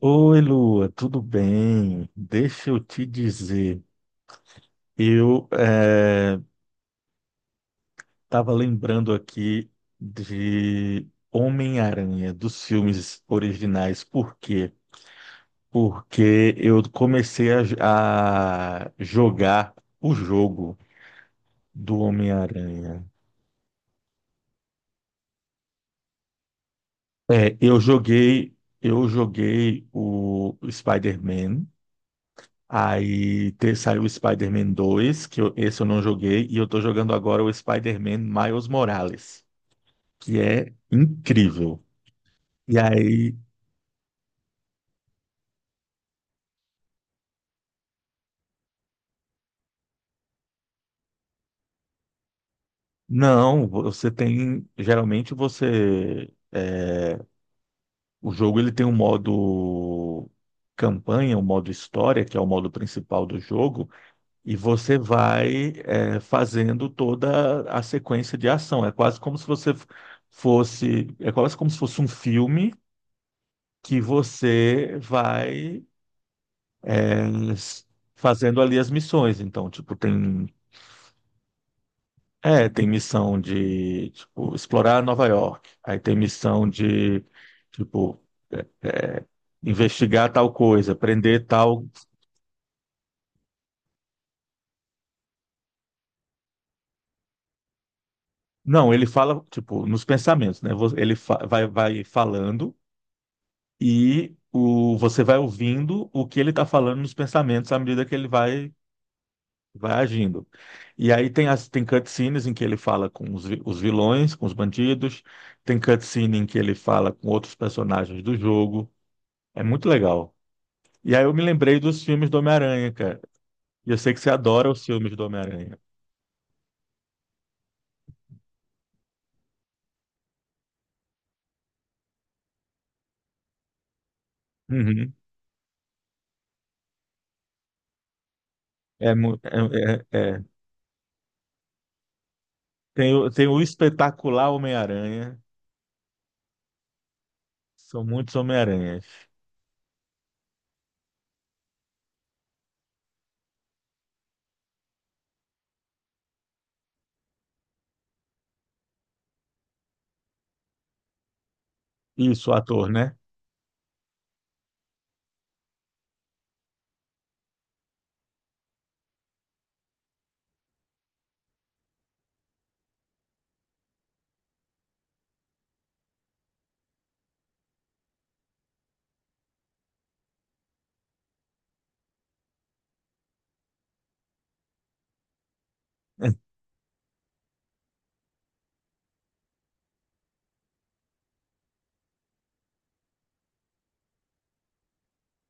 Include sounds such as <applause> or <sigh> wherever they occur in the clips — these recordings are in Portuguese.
Oi, Lua, tudo bem? Deixa eu te dizer, eu estava lembrando aqui de Homem-Aranha, dos filmes originais. Por quê? Porque eu comecei a jogar o jogo do Homem-Aranha. É, eu joguei o Spider-Man. Aí saiu o Spider-Man 2, que esse eu não joguei, e eu tô jogando agora o Spider-Man Miles Morales, que é incrível. E aí, não, você tem, geralmente você, o jogo ele tem um modo campanha, um modo história, que é o modo principal do jogo, e você vai, fazendo toda a sequência de ação. É quase como se você fosse, é quase como se fosse um filme que você vai é, s- fazendo ali as missões. Então, tipo, tem, é, tem missão de, tipo, explorar Nova York. Aí tem missão de, tipo, eh, eh, investigar tal coisa, prender tal. Não, ele fala, tipo, nos pensamentos, né? Vai falando e o, você vai ouvindo o que ele está falando nos pensamentos à medida que ele vai vai agindo. E aí tem cutscenes em que ele fala com os vilões, com os bandidos, tem cutscene em que ele fala com outros personagens do jogo. É muito legal. E aí eu me lembrei dos filmes do Homem-Aranha, cara. E eu sei que você adora os filmes do Homem-Aranha. Uhum. É, é, é, é. Tem, tem o espetacular Homem-Aranha. São muitos Homem-Aranhas. Isso, o ator, né? <laughs>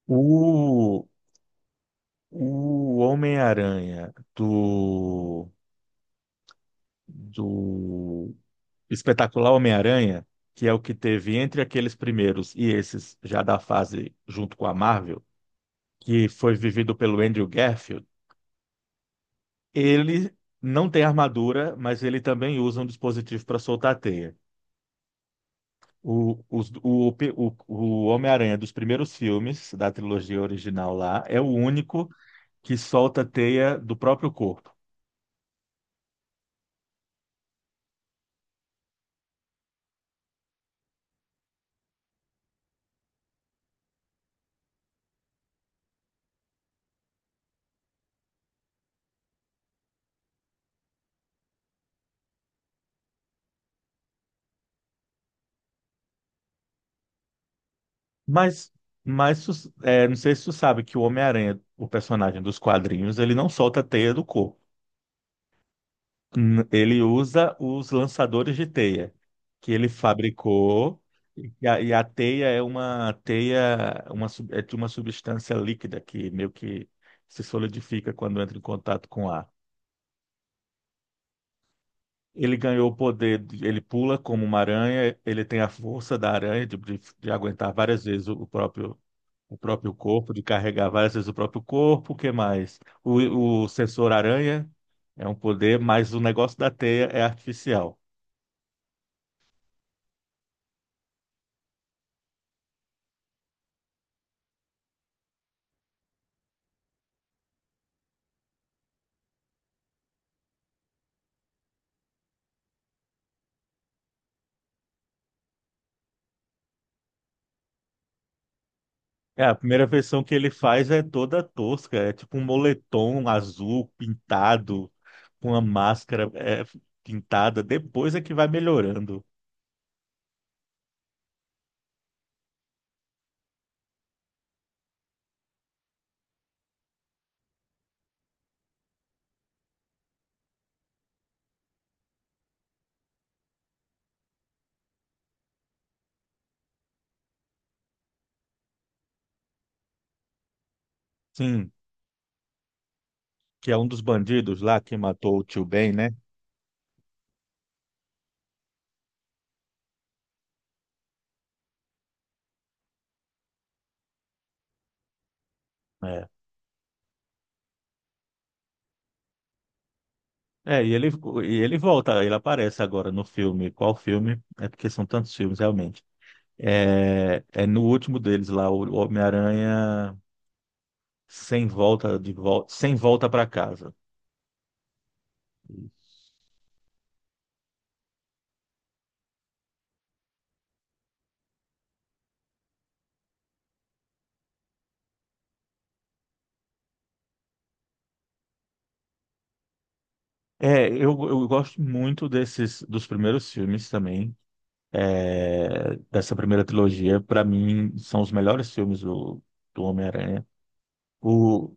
O, o Homem-Aranha do, do espetacular Homem-Aranha, que é o que teve entre aqueles primeiros e esses já da fase junto com a Marvel, que foi vivido pelo Andrew Garfield, ele não tem armadura, mas ele também usa um dispositivo para soltar a teia. O, os- o Homem-Aranha dos primeiros filmes, da trilogia original lá, é o único que solta teia do próprio corpo. Mas, mas é, não sei se tu sabe que o Homem-Aranha, o personagem dos quadrinhos, ele não solta teia do corpo. Ele usa os lançadores de teia que ele fabricou e a teia é uma é de uma substância líquida que meio que se solidifica quando entra em contato com ar. Ele ganhou o poder, ele pula como uma aranha, ele tem a força da aranha de aguentar várias vezes o próprio corpo, de carregar várias vezes o próprio corpo, o que mais? O sensor aranha é um poder, mas o negócio da teia é artificial. É, a primeira versão que ele faz é toda tosca, é tipo um moletom azul pintado, com uma máscara é, pintada, depois é que vai melhorando. Sim, que é um dos bandidos lá que matou o tio Ben, né? É. É, e ele volta, ele aparece agora no filme. Qual filme? É porque são tantos filmes, realmente. É, é no último deles lá, o Homem-Aranha sem volta de volta, sem volta para casa. É, eu gosto muito desses dos primeiros filmes também, é, dessa primeira trilogia. Para mim, são os melhores filmes do, do Homem-Aranha. O,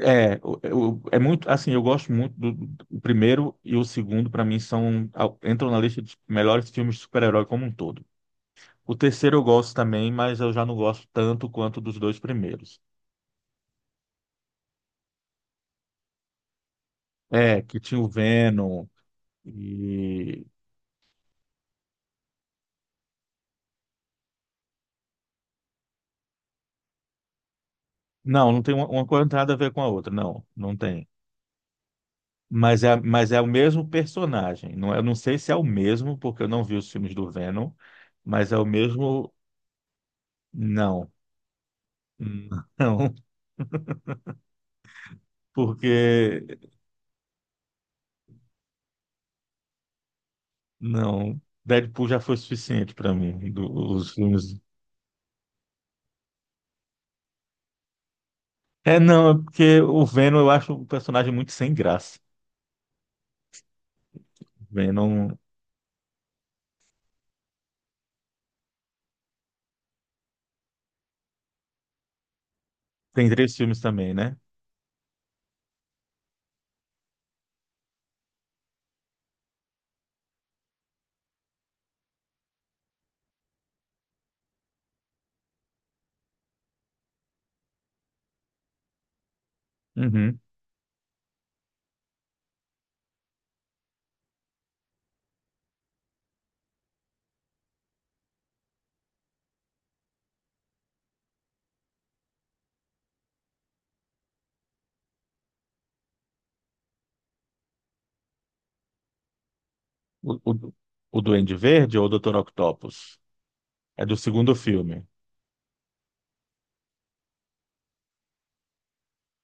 é, é muito assim, eu gosto muito do, do primeiro e o segundo. Para mim, são entram na lista dos melhores filmes de super-herói como um todo. O terceiro eu gosto também, mas eu já não gosto tanto quanto dos dois primeiros. É, que tinha o Venom e não, não tem uma coisa não tem nada a ver com a outra, não, não tem. Mas é o mesmo personagem. Não, é, eu não sei se é o mesmo, porque eu não vi os filmes do Venom, mas é o mesmo. Não, <laughs> não, porque não. Deadpool já foi suficiente para mim, os filmes. É, não, é porque o Venom eu acho um personagem muito sem graça. Venom tem três filmes também, né? Uhum. O, o, o Duende Verde ou o Dr. Octopus? É do segundo filme.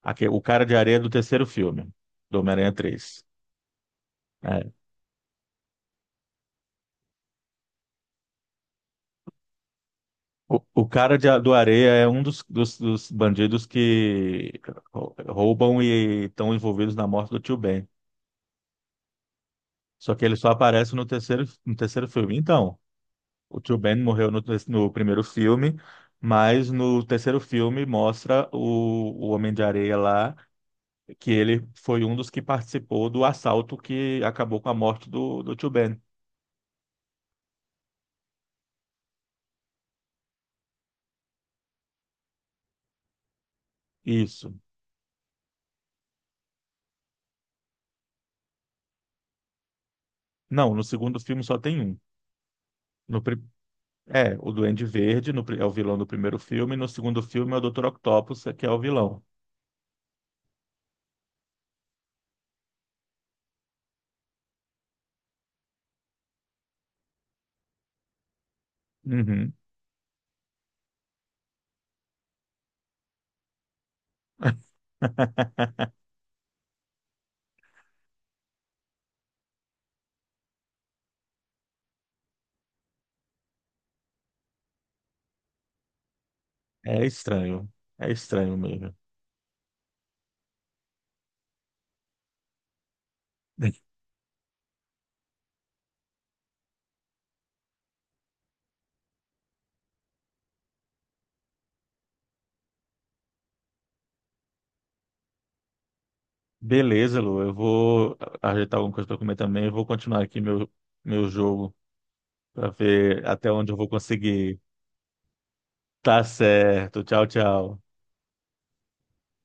O Cara de Areia é do terceiro filme, do Homem-Aranha 3. Do Areia é um dos, dos bandidos que roubam e estão envolvidos na morte do Tio Ben. Só que ele só aparece no terceiro, no terceiro filme. Então, o Tio Ben morreu no primeiro filme, mas no terceiro filme mostra o Homem de Areia lá, que ele foi um dos que participou do assalto que acabou com a morte do, do Tio Ben. Isso. Não, no segundo filme só tem um. No, pri- É, o Duende Verde no é o vilão do primeiro filme, e no segundo filme é o Dr. Octopus, que é o vilão. Uhum. <laughs> É estranho. É estranho mesmo. Beleza, Lu. Eu vou ajeitar alguma coisa para comer também. Eu vou continuar aqui meu, meu jogo para ver até onde eu vou conseguir. Tá certo. Tchau, tchau.